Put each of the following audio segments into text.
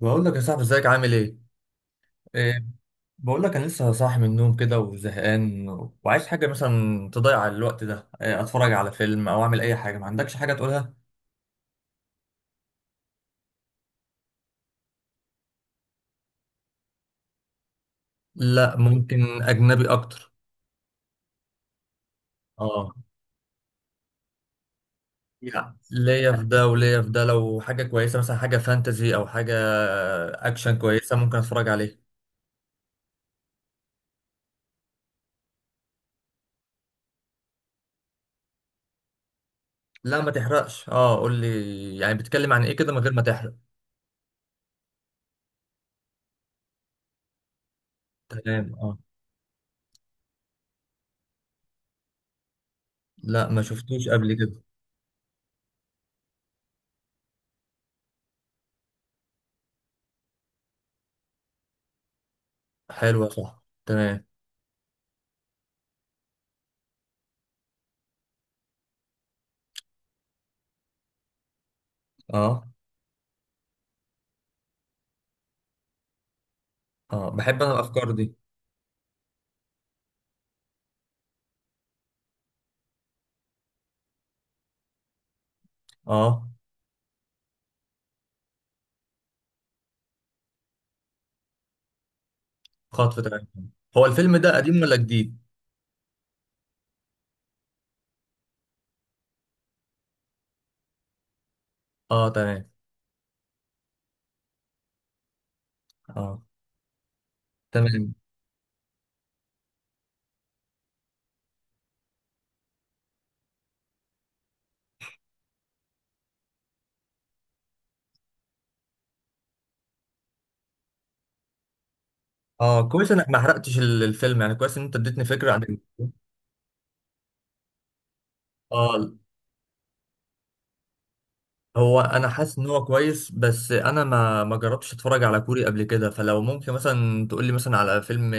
بقول لك يا صاحبي ازيك عامل ايه؟ إيه. بقول لك انا لسه صاحي من النوم كده وزهقان، وعايز حاجه مثلا تضيع الوقت ده، إيه اتفرج على فيلم او اعمل اي حاجه، ما عندكش حاجه تقولها؟ لا، ممكن اجنبي اكتر. اه. يعني ليا في ده وليا في ده، لو حاجه كويسه مثلا، حاجه فانتزي او حاجه اكشن كويسه ممكن اتفرج عليه. لا ما تحرقش، اه قول لي يعني بتتكلم عن ايه كده من غير ما تحرق. تمام اه. لا ما شفتوش قبل كده. حلو يا صاحبي. تمام اه. اه بحب انا الافكار دي. اه، خطف تمام. هو الفيلم ده قديم ولا جديد؟ اه تمام. اه تمام. اه كويس انك ما حرقتش الفيلم يعني، كويس ان انت اديتني فكره عن. اه. هو انا حاسس ان هو كويس، بس انا ما جربتش اتفرج على كوري قبل كده، فلو ممكن مثلا تقول لي مثلا على فيلم.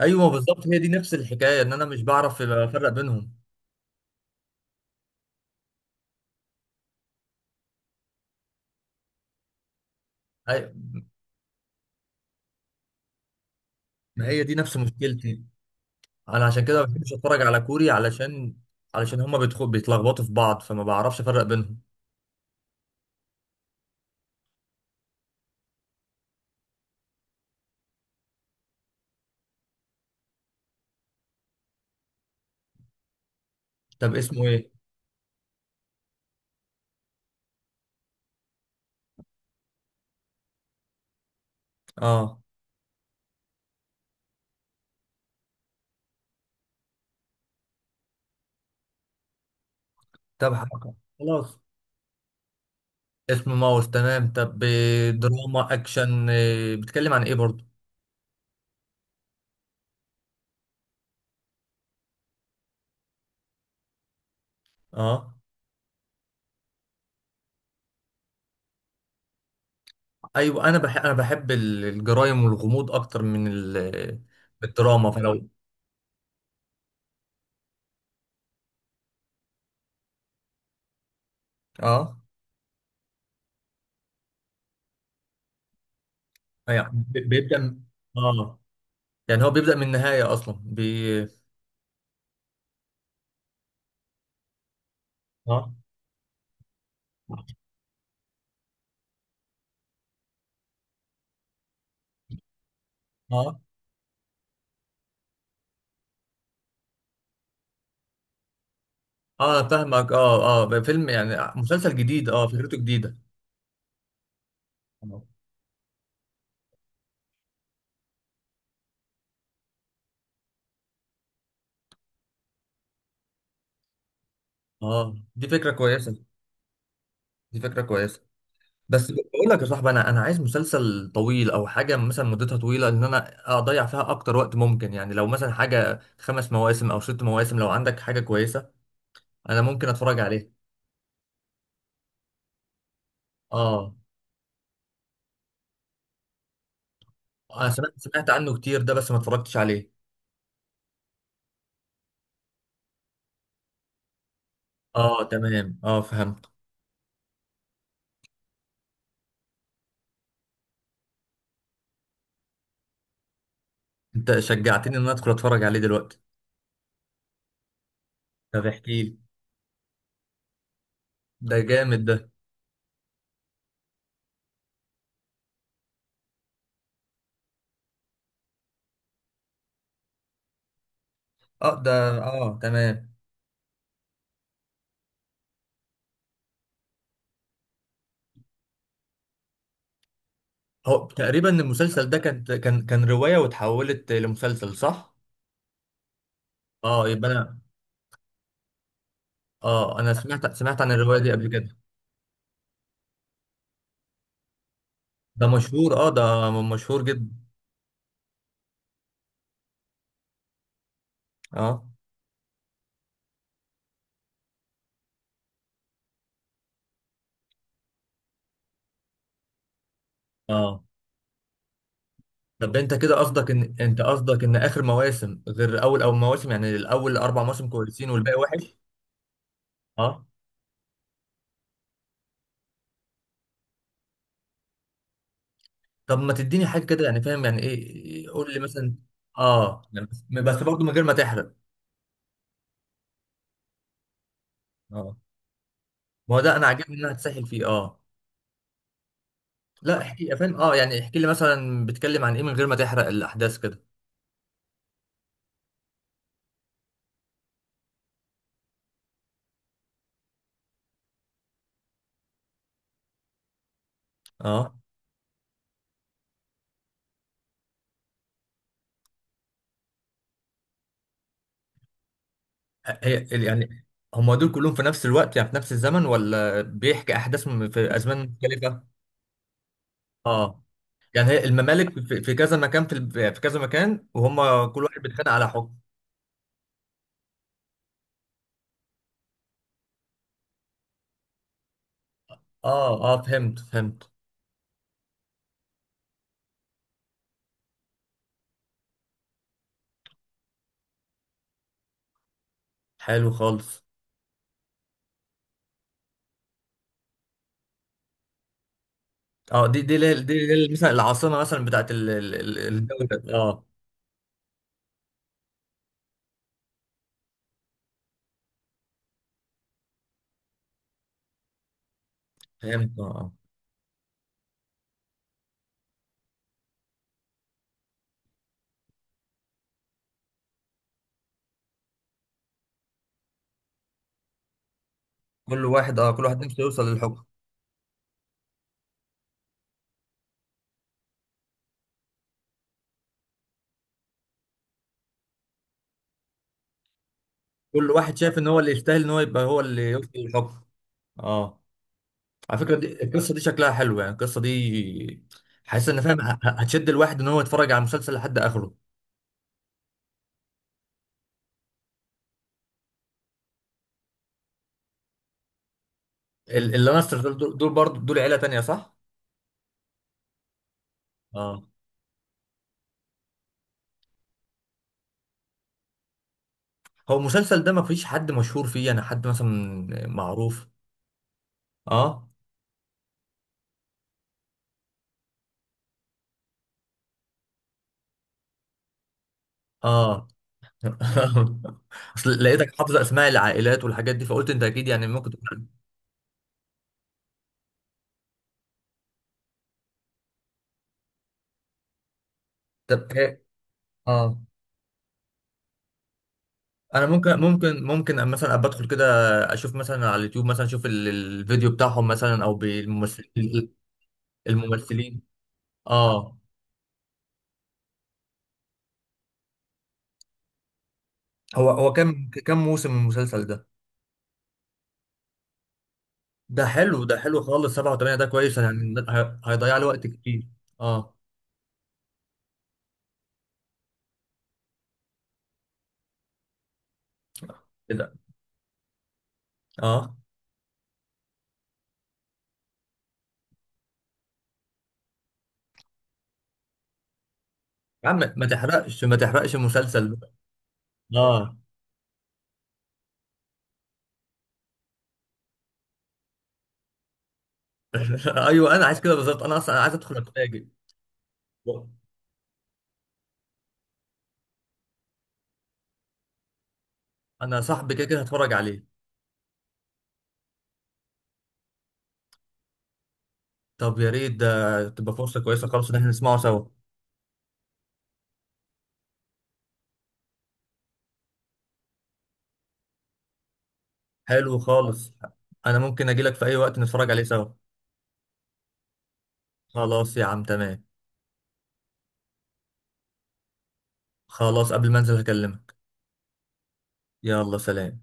ايوه بالظبط، هي دي نفس الحكايه ان انا مش بعرف افرق بينهم. أي... ما هي دي نفس مشكلتي. انا عشان كده ما بحبش اتفرج على كوري، علشان هما بيدخل بيتلخبطوا في بعض فما بعرفش افرق بينهم. طب اسمه ايه؟ اه. طب حركة خلاص. اسمه ماوس تمام، طب دراما اكشن، بيتكلم عن ايه برضو؟ اه. ايوه انا بحب، الجرايم والغموض اكتر من الدراما، فلو اه يعني بيبدا اه. يعني هو بيبدا من النهايه اصلا اه اه اه. أنا فاهمك، اه اه، بقى فيلم يعني مسلسل جديد، اه فكرته جديده. اه. دي فكره كويسه. دي فكره كويسه. بس بقول لك يا صاحبي، انا عايز مسلسل طويل او حاجه مثلا مدتها طويله ان انا اضيع فيها اكتر وقت ممكن، يعني لو مثلا حاجه 5 مواسم او 6 مواسم، لو عندك حاجه كويسه انا ممكن اتفرج عليه. اه انا سمعت عنه كتير ده، بس ما اتفرجتش عليه. اه تمام، اه فهمت. انت شجعتني ان انا ادخل اتفرج عليه دلوقتي. طب احكي لي. ده جامد ده. اه ده. اه تمام. هو تقريبا المسلسل ده كان روايه واتحولت لمسلسل صح؟ اه يبقى انا. اه انا سمعت عن الروايه دي قبل كده. ده مشهور، اه ده مشهور جدا. اه اه. طب انت كده قصدك، ان انت قصدك ان اخر مواسم غير اول او مواسم، يعني الاول 4 مواسم كويسين والباقي وحش؟ اه. طب ما تديني حاجه كده يعني فاهم، يعني ايه قول لي مثلا. اه يعني بس برضه من غير ما تحرق. اه. ما هو ده انا عاجبني، ان انا هتسحل فيه اه. لا احكي فاهم، اه يعني احكي لي مثلا بتكلم عن ايه من غير ما تحرق الاحداث كده. اه، هي يعني هم دول كلهم في نفس الوقت، يعني في نفس الزمن، ولا بيحكي احداث في ازمان مختلفه؟ اه. يعني هي الممالك في كذا مكان، في كذا مكان، وهم كل واحد بيتخانق على حكم. اه اه، فهمت فهمت. حلو خالص. اه دي اللي هي مثلا العاصمة، مثلا بتاعت الدولة. اه فهمت، اه آه. كل واحد نفسه يوصل للحكم. كل واحد شايف ان هو اللي يستاهل ان هو يبقى هو اللي يوصل للحكم. اه. على فكرة دي القصة، دي شكلها حلو يعني، القصة دي حاسس ان فاهم هتشد الواحد ان هو يتفرج على المسلسل لحد اخره. اللانستر دول، دول برضه دول عيلة تانية صح؟ اه. هو المسلسل ده ما فيش حد مشهور فيه، يعني حد مثلا معروف. اه اه اصل لقيتك حافظ اسماء العائلات والحاجات دي، فقلت انت اكيد يعني ممكن تكون. طب ايه. اه انا ممكن مثلا ابقى ادخل كده، اشوف مثلا على اليوتيوب مثلا، اشوف الفيديو بتاعهم مثلا او بالممثلين. الممثلين اه. هو كم موسم من المسلسل ده؟ ده حلو خالص، 7 و8 ده كويس يعني، هيضيع لي وقت كتير. اه كده اه. يا عم ما تحرقش، مسلسل بقى. اه ايوه انا عايز كده بالظبط، انا اصلا عايز ادخل اتفاجئ. انا صاحبي كده كده هتفرج عليه. طب يا ريت، ده تبقى فرصه كويسه خالص ان احنا نسمعه سوا. حلو خالص. انا ممكن اجي لك في اي وقت نتفرج عليه سوا. خلاص يا عم تمام. خلاص قبل ما انزل هكلمك. يلا سلام.